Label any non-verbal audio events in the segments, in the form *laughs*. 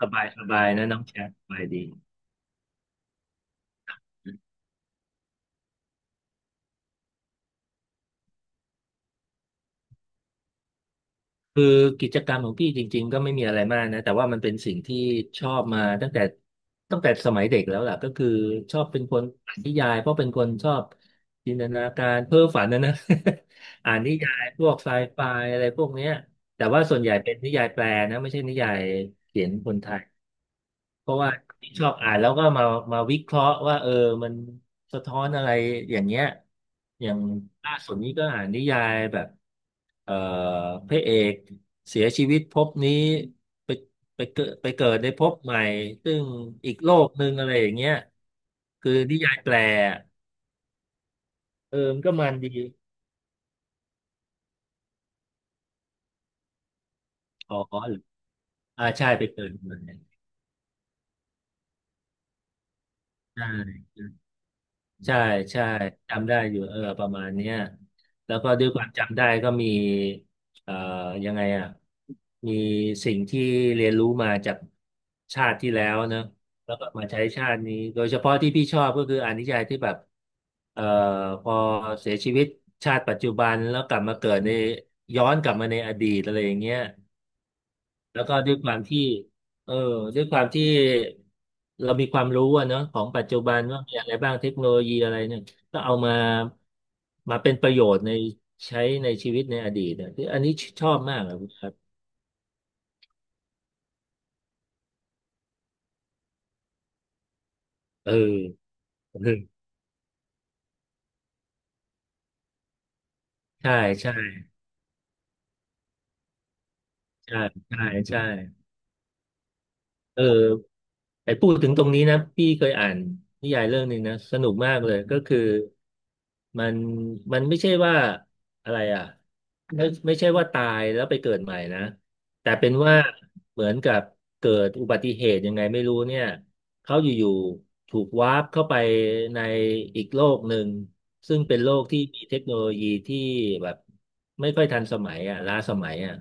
สบายสบายนะน้องแชทสบายดีคือกิจกรรมของพี่จริงๆก็ไม่มีอะไรมากนะแต่ว่ามันเป็นสิ่งที่ชอบมาตั้งแต่สมัยเด็กแล้วล่ะก็คือชอบเป็นคนอ่านนิยายเพราะเป็นคนชอบจินตนาการเพ้อฝันนะนะ *laughs* อ่านนิยายพวกไซไฟอะไรพวกเนี้ยแต่ว่าส่วนใหญ่เป็นนิยายแปลนะไม่ใช่นิยายเขียนคนไทย เพราะว่าชอบอ่านแล้วก็มาวิเคราะห์ว่าเออมันสะท้อนอะไรอย่างเงี้ยอย่างล่าสุดนี้ก็อ่านนิยายแบบเอ่อพระเอกเสียชีวิตภพนี้ไปไปเกิดในภพใหม่ซึ่งอีกโลกหนึ่งอะไรอย่างเงี้ยคือนิยายแปลเออมันก็มันดีอ๋ออ่าใช่ไปเกิดใหม่ใช่ ใช่ใช่จำได้อยู่เออประมาณเนี้ยแล้วก็ด้วยความจำได้ก็มีเอ่อยังไงอ่ะมีสิ่งที่เรียนรู้มาจากชาติที่แล้วเนอะแล้วก็มาใช้ชาตินี้โดยเฉพาะที่พี่ชอบก็คืออานิจจัยที่แบบเอ่อพอเสียชีวิตชาติปัจจุบันแล้วกลับมาเกิดในย้อนกลับมาในอดีตอะไรอย่างเงี้ย แล้วก็ด้วยความที่เออด้วยความที่เรามีความรู้อะเนอะของปัจจุบันว่ามีอะไรบ้างเทคโนโลยีอะไรเนี่ยก็เอามาเป็นประโยชน์ในใช้ในชีวิตในอดีตเนี่ยคืออันนี้ชอบมากอะครับเออเออใช่ใช่ใช่ใช่ใช่เออ ไอ้พูดถึงตรงนี้นะพี่เคยอ่านนิยายเรื่องหนึ่งนะสนุกมากเลยก็คือมันไม่ใช่ว่าอะไรอ่ะไม่ใช่ว่าตายแล้วไปเกิดใหม่นะแต่เป็นว่าเหมือนกับเกิดอุบัติเหตุยังไงไม่รู้เนี่ยเขาอยู่ๆถูกวาร์ปเข้าไปในอีกโลกหนึ่งซึ่งเป็นโลกที่มีเทคโนโลยีที่แบบไม่ค่อยทันสมัยอ่ะล้าสมัยอ่ะ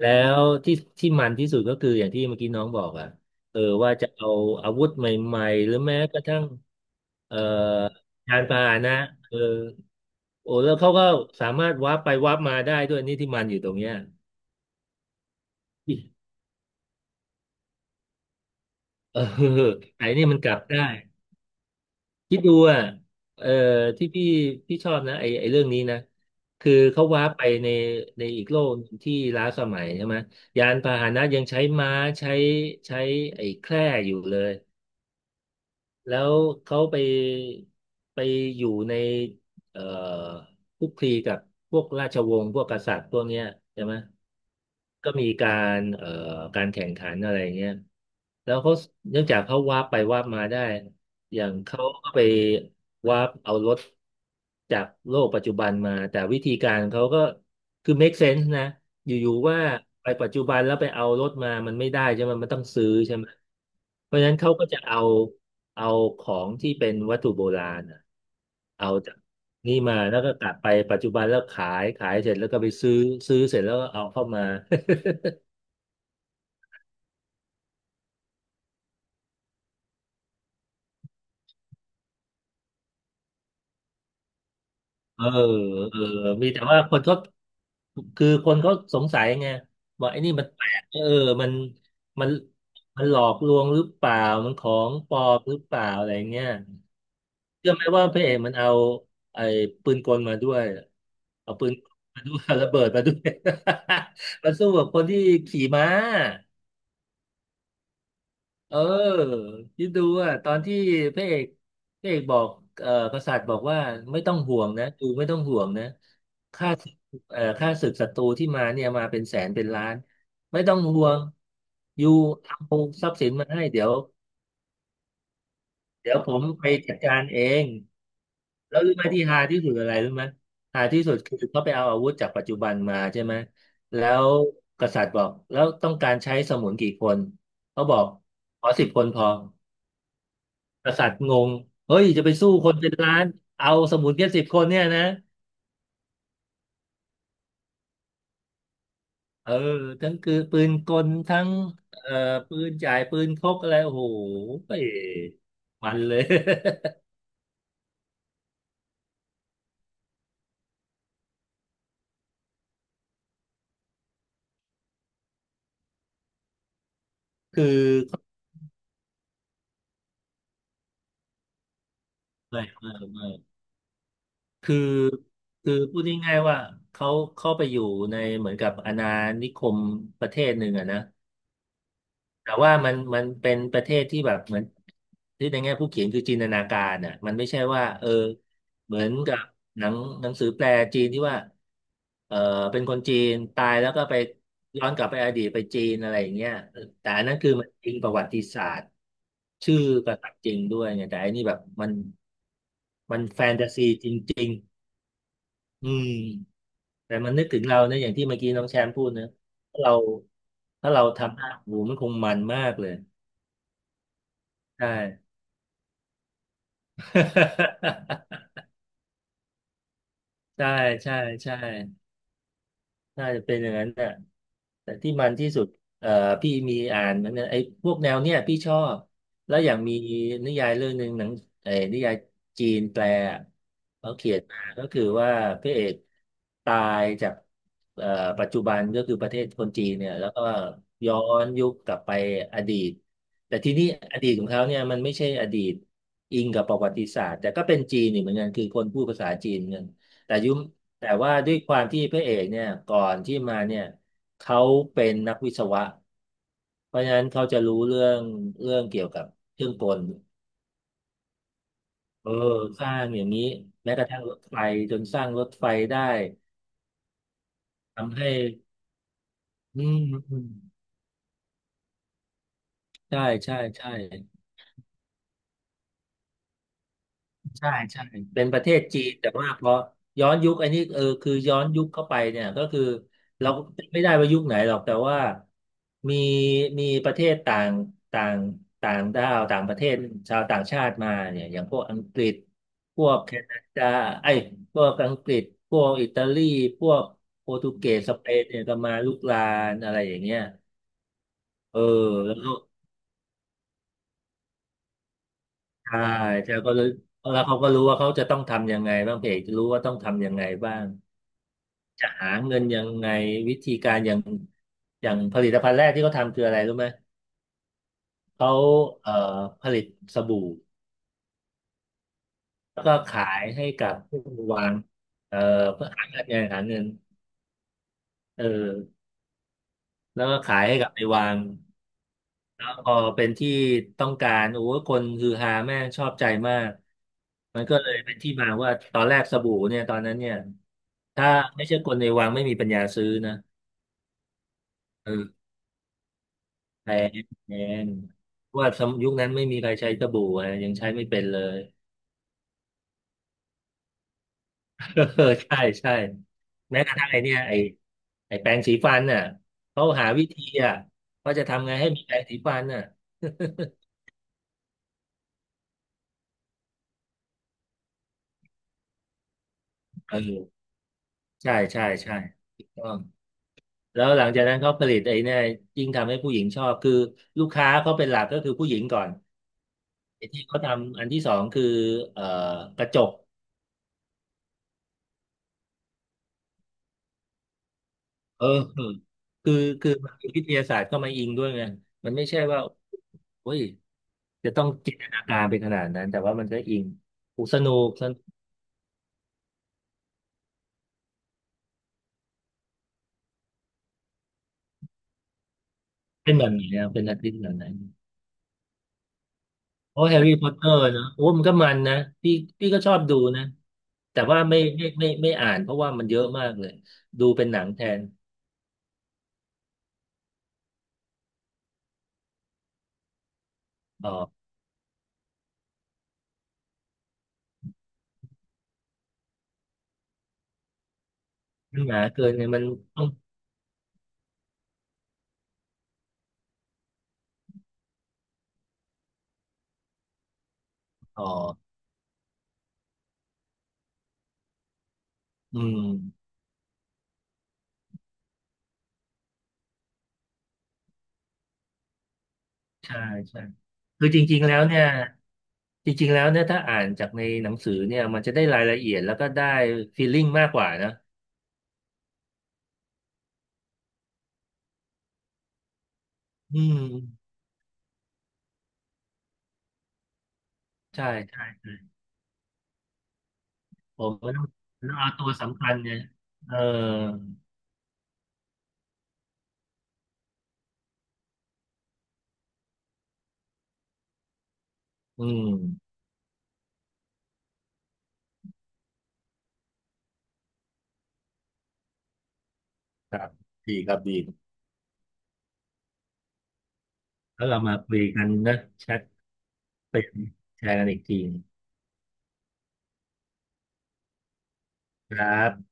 แล้วที่มันที่สุดก็คืออย่างที่เมื่อกี้น้องบอกอ่ะเออว่าจะเอาอาวุธใหม่ๆหรือแม้กระทั่งเอ่อยานพาหนะเออโอ้แล้วเขาก็สามารถวาร์ปไปวาร์ปมาได้ด้วยนี่ที่มันอยู่ตรงเนี้ย *laughs* เออไอ้นี่มันกลับได้คิดดูอ่ะเออที่พี่ชอบนะไอ้เรื่องนี้นะคือเขาวาร์ปไปในอีกโลกหนึ่งที่ล้าสมัยใช่ไหมยานพาหนะยังใช้ม้าใช้ใช้ไอ้แคร่อยู่เลย แล้วเขาไปไปอยู่ในเอ่อคลุกคลีกับพวกราชวงศ์พวกกษัตริย์พวกเนี้ยใช่ไหมก็มีการการแข่งขันอะไรเงี้ยแล้วเขาเนื่องจากเขาวาบไปวาบมาได้ อย่างเขาก็ไปวาร์ปเอารถจากโลกปัจจุบันมาแต่วิธีการเขาก็คือ make sense นะอยู่ๆว่าไปปัจจุบันแล้วไปเอารถมามันไม่ได้ใช่ไหมมันต้องซื้อใช่ไหมเพราะฉะนั้นเขาก็จะเอาเอาของที่เป็นวัตถุโบราณน่ะเอาจากนี่มาแล้วก็กลับไปปัจจุบันแล้วขายเสร็จแล้วก็ไปซื้อเสร็จแล้วก็เอาเข้ามา เออมีแต่ว่าคนก็คือคนเขาสงสัยไงว่าไอ้นี่มันแปลกเออมันมันหลอกลวงหรือเปล่ามันของปลอมหรือเปล่าอะไรเงี้ยเชื่อไหมว่าพระเอกมันเอาไอ้ปืนกลมาด้วยเอาปืนมาด้วย *laughs* ระเบิดมาด้วย *laughs* มาสู้กับคนที่ขี่ม้า เออคิดดูอ่ะตอนที่พระเอกบอกกษัตริย์บอกว่าไม่ต้องห่วงนะดูไม่ต้องห่วงนะข้าศึกศัตรูที่มาเนี่ยมาเป็นแสนเป็นล้านไม่ต้องห่วงอยู่เอาทรัพย์สินมาให้เดี๋ยวผมไปจัดการเองแล้วรู้ไหมที่ฮาที่สุดอะไรรู้ไหมฮาที่สุดคือเขาไปเอาอาวุธจากปัจจุบันมาใช่ไหมแล้วกษัตริย์บอกแล้วต้องการใช้สมุนกี่คนเขาบอกขอสิบคนพอ กษัตริย์งงเฮ้ยจะไปสู้คนเป็นล้านเอาสมุนแค่สิบคนเนี่ยนะเออทั้งคือปืนกลทั้งเอ่อปืนจ่ายปืนพกอะไรโอ้โหเอ้ยมันเลย *laughs* คือไม่คือพูดง่ายๆว่าเขาเข้าไปอยู่ในเหมือนกับอาณานิคมประเทศหนึ่งอะนะ แต่ว่ามันเป็นประเทศที่แบบเหมือนที่ในแง่ผู้เขียนคือจินตนาการอ่ะมันไม่ใช่ว่าเหมือนกับหนังหนังสือแปลจีนที่ว่าเออเป็นคนจีนตายแล้วก็ไปย้อนกลับไปอดีตไปจีนอะไรอย่างเงี้ยแต่อันนั้นคือมันจริงประวัติศาสตร์ชื่อกษัตริย์จริงด้วยไงแต่อันนี้แบบมันแฟนตาซีจริงๆอืมแต่มันนึกถึงเราเนี่ยอย่างที่เมื่อกี้น้องแชมป์พูดนะถ้าเราถ้าเราทำได้โอ้โหมันคงมันมากเลย ใช่ *laughs* ใช่ใช่ใช่ น่าจะเป็นอย่างนั้นน่ะแต่ที่มันที่สุดเอ่อพี่มีอ่านมันนะไอ้พวกแนวเนี้ยพี่ชอบแล้วอย่างมีนิยายเรื่องหนึ่งหนังไอ้นิยายจีนแปลอะเขาเขียนมาก็คือว่าพระเอกตายจากเอ่อปัจจุบันก็คือประเทศคนจีนเนี่ยแล้วก็ย้อนยุคกลับไปอดีตแต่ทีนี้อดีตของเขาเนี่ยมันไม่ใช่อดีตอิงกับประวัติศาสตร์แต่ก็เป็นจีนอีกเหมือนกันคือคนพูดภาษาจีนเหมือนกัน แต่ยุมแต่ว่าด้วยความที่พระเอกเนี่ยก่อนที่มาเนี่ยเขาเป็นนักวิศวะเพราะฉะนั้นเขาจะรู้เรื่องเกี่ยวกับเครื่องกลเออสร้างอย่างนี้แม้กระทั่งรถไฟจนสร้างรถไฟได้ทำให้อืมอืมใช่ใช่ใช่ ใช่ใช่เป็นประเทศจีนแต่ว่าพอย้อนยุคอันนี้เออคือย้อนยุคเข้าไปเนี่ยก็คือเราก็จำไม่ได้ว่ายุคไหนหรอกแต่ว่ามีมีประเทศต่างต่างต่างด้าวต่างประเทศชาวต่างชาติมาเนี่ยอย่างพวกอังกฤษพวกแคนาดาไอ้ยพวกอังกฤษพวกอิตาลีพวกโปรตุเกสสเปนเนี่ยก็มาลุกรานอะไรอย่างเงี้ยเออแล้วก็ใช่ใช่ก็เลยแล้วเขาก็รู้ว่าเขาจะต้องทำยังไงบ้างเพจจะรู้ว่าต้องทำยังไงบ้าง จะหาเงินยังไงวิธีการอย่างผลิตภัณฑ์แรกที่เขาทำคืออะไรรู้ไหมเขาเอ่อผลิตสบู่แล้วก็ขายให้กับผู้วางเอ่อเพื่อหาเงินไงหาเงินเออแล้วก็ขายให้กับไปวางแล้วพอเป็นที่ต้องการโอ้โหคนฮือฮาแม่งชอบใจมากมันก็เลยเป็นที่มาว่าตอนแรกสบู่เนี่ยตอนนั้นเนี่ยถ้าไม่ใช่คนในวังไม่มีปัญญาซื้อนะเออ แพงแพงเพราะว่าสมยุคนั้นไม่มีใครใช้สบู่อะยังใช้ไม่เป็นเลย *laughs* เออใช่ใช่แม้กระทั่งไอเนี่ยไอไอแปรงสีฟันน่ะเขาหาวิธีอ่ะว่าจะทำไงให้มีแปรงสีฟันน่ะ *laughs* เออใช่ใช่ใช่ถูกต้องแล้วหลังจากนั้นเขาผลิตไอ้เนี่ยยิ่งทำให้ผู้หญิงชอบคือลูกค้าเขาเป็นหลักก็คือผู้หญิงก่อนไอ้ที่เขาทำอันที่สองคือเอ่อกระจก เออคือคือมันมีวิทยาศาสตร์เข้ามาอิงด้วยไงมันไม่ใช่ว่าเฮ้ยจะต้องจินตนาการไปขนาดนั้นแต่ว่ามันก็อิงอุยสนุกสนุกเป็นแบบไหนนะเป็นนักดิ้นแบบไหนโอ้แฮร์รี่พอตเตอร์นะโอ้มันก็มันนะพี่พี่ก็ชอบดูนะแต่ว่าไม่อ่านเพราะว่ามันเยอะมากเลยดูเป็นหนังแทนอ๋อมันหนาเกินไงมันต้องอ๋ออืม ใช่ใช่คือจริงๆแล้วเนี่ยจริงๆแล้วเนี่ยถ้าอ่านจากในหนังสือเนี่ยมันจะได้รายละเอียดแล้วก็ได้ฟีลลิ่งมากกว่านะอืมใช่ใช่ใช่ผมก็ต้องเอาตัวสำคัญเนี่ยเอออืมครับดีครับดีแล้วเรามาคุยกันนะแชทเป็นแชร์กันอีกทีครับ